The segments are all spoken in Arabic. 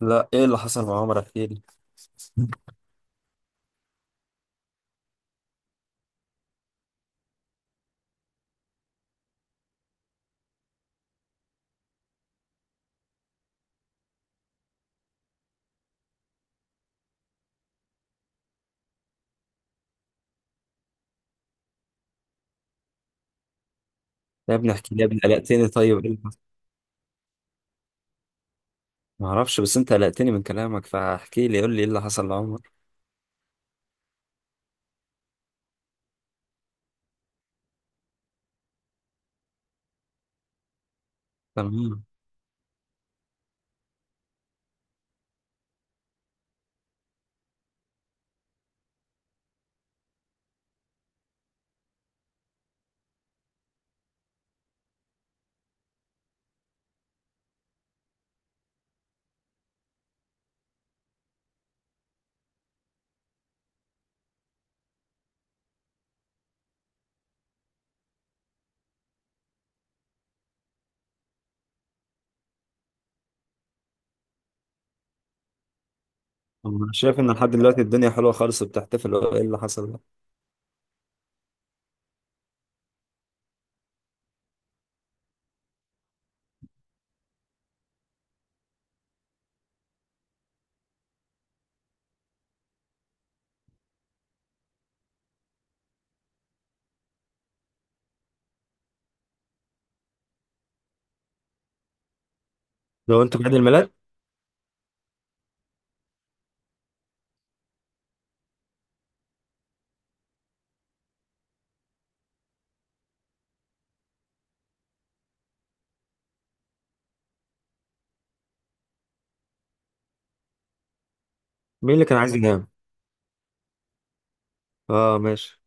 لا، ايه اللي حصل مع عمر؟ احكي لي. يا ابني احكي لي، يا ابني قلقتني. طيب ايه اللي حصل؟ ما اعرفش، بس انت قلقتني من كلامك، فاحكي لي قول لي ايه اللي حصل لعمر. تمام. انا شايف ان لحد دلوقتي الدنيا حلوه خالص وبتحتفل، ايه اللي حصل ده؟ لو انتوا في عيد الميلاد، مين اللي كان عايز ينام؟ اه، ماشي.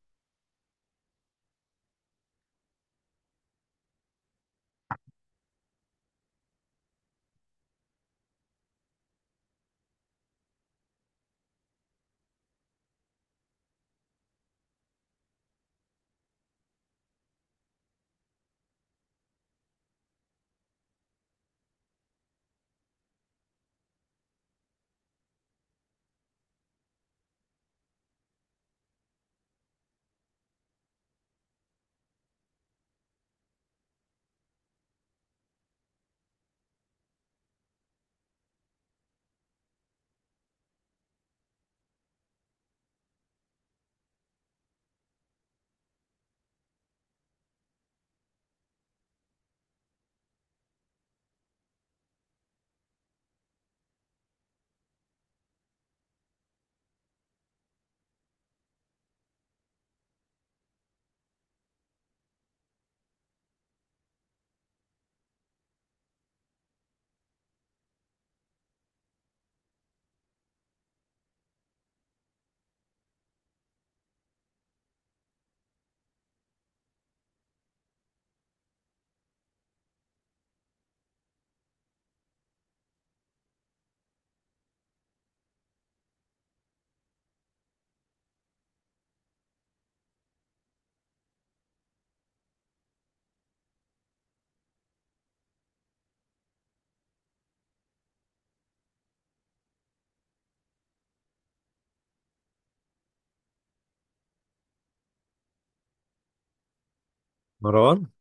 مروان.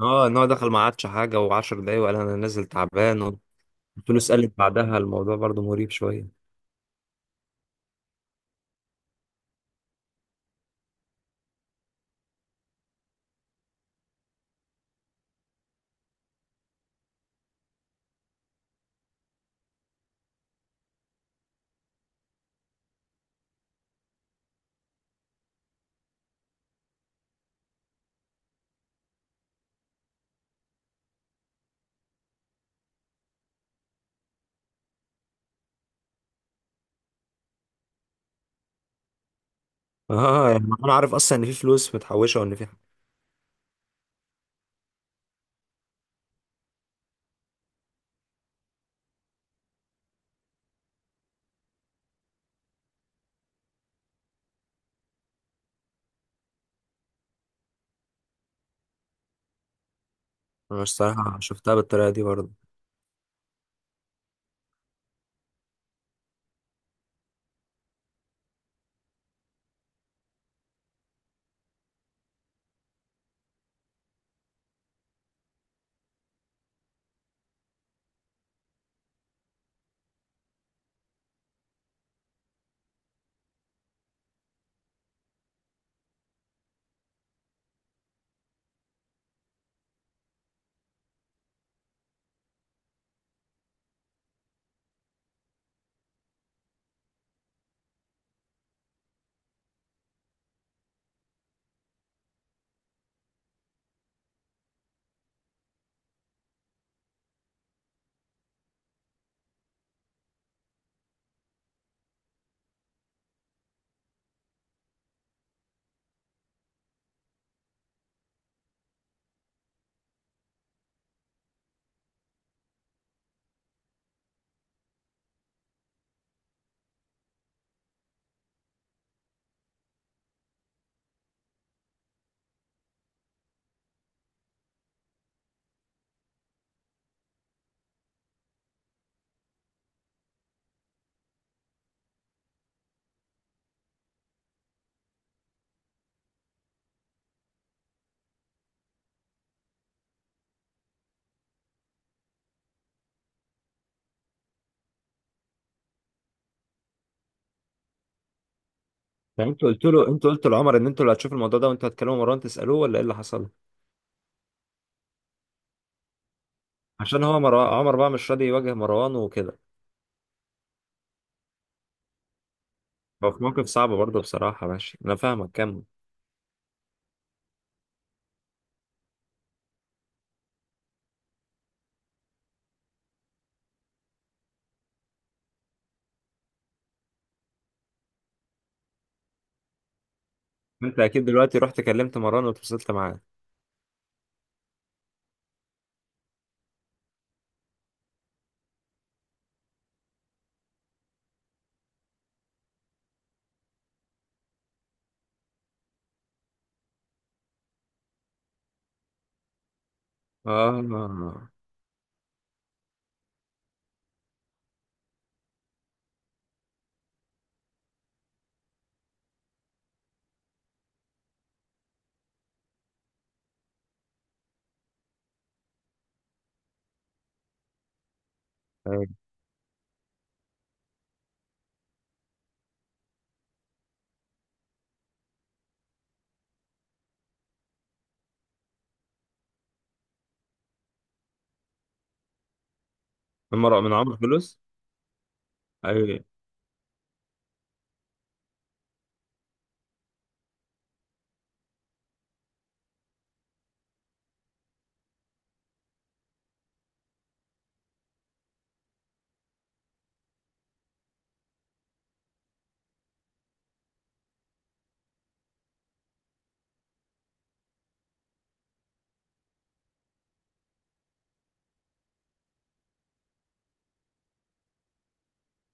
اه، ان هو دخل ما عادش حاجه، وعشر دقايق وقال انا نازل تعبان. والفلوس قلت بعدها الموضوع برضو مريب شويه. اه، يعني انا عارف اصلا ان في فلوس متحوشه وان في حاجه. انا الصراحه شفتها بالطريقه دي برضو. يعني انت قلت له، انت قلت لعمر ان انتوا اللي هتشوفوا الموضوع ده وانتوا هتكلموا مروان تسألوه ولا ايه اللي حصل؟ عشان هو عمر بقى مش راضي يواجه مروان وكده. هو في موقف صعب برضه بصراحة، ماشي انا فاهمك، كمل. انت اكيد دلوقتي رحت كلمت مروان واتفصلت معاه. اه. ايوه. من مروان؟ من عمر فلوس؟ ايوه.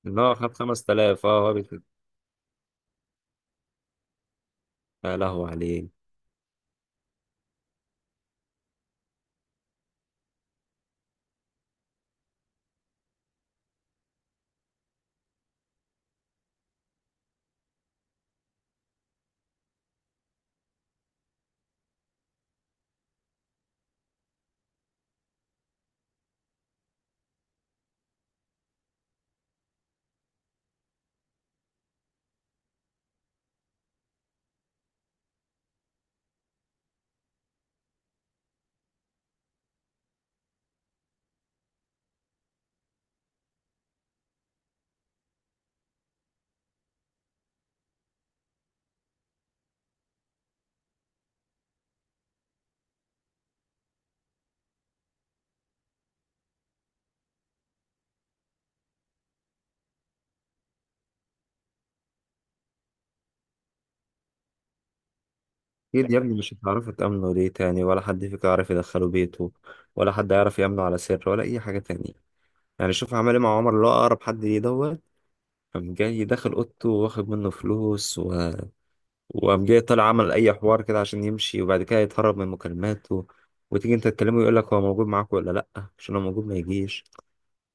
ان هو خد 5,000. اه، يا لهوي عليه. اكيد يا ابني مش هتعرفوا تأمنوا ليه تاني، ولا حد فيكم يعرف يدخله بيته، ولا حد يعرف يأمنه على سر، ولا اي حاجة تانية. يعني شوف عمل ايه مع عمر اللي هو اقرب حد ليه ده. قام جاي داخل اوضته واخد منه فلوس. وقام جاي طالع عمل اي حوار كده عشان يمشي، وبعد كده يتهرب من مكالماته. وتيجي انت تكلمه يقول لك هو موجود معاك ولا لا، عشان لو موجود ما يجيش.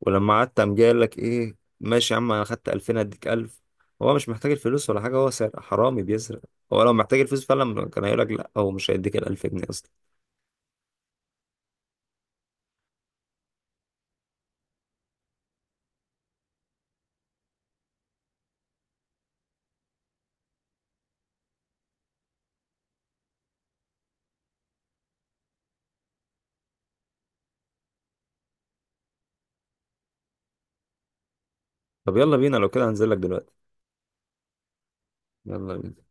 ولما قعدت قام جاي قال لك ايه؟ ماشي يا عم انا خدت 2,000 اديك 1000. هو مش محتاج الفلوس ولا حاجه، هو سارق حرامي بيسرق. هو لو محتاج الفلوس فعلا كان هيقول لك لا، هو مش هيديك ال 1000 جنيه اصلا. طب يلا بينا، لو كده هنزل لك دلوقتي. يلا بينا.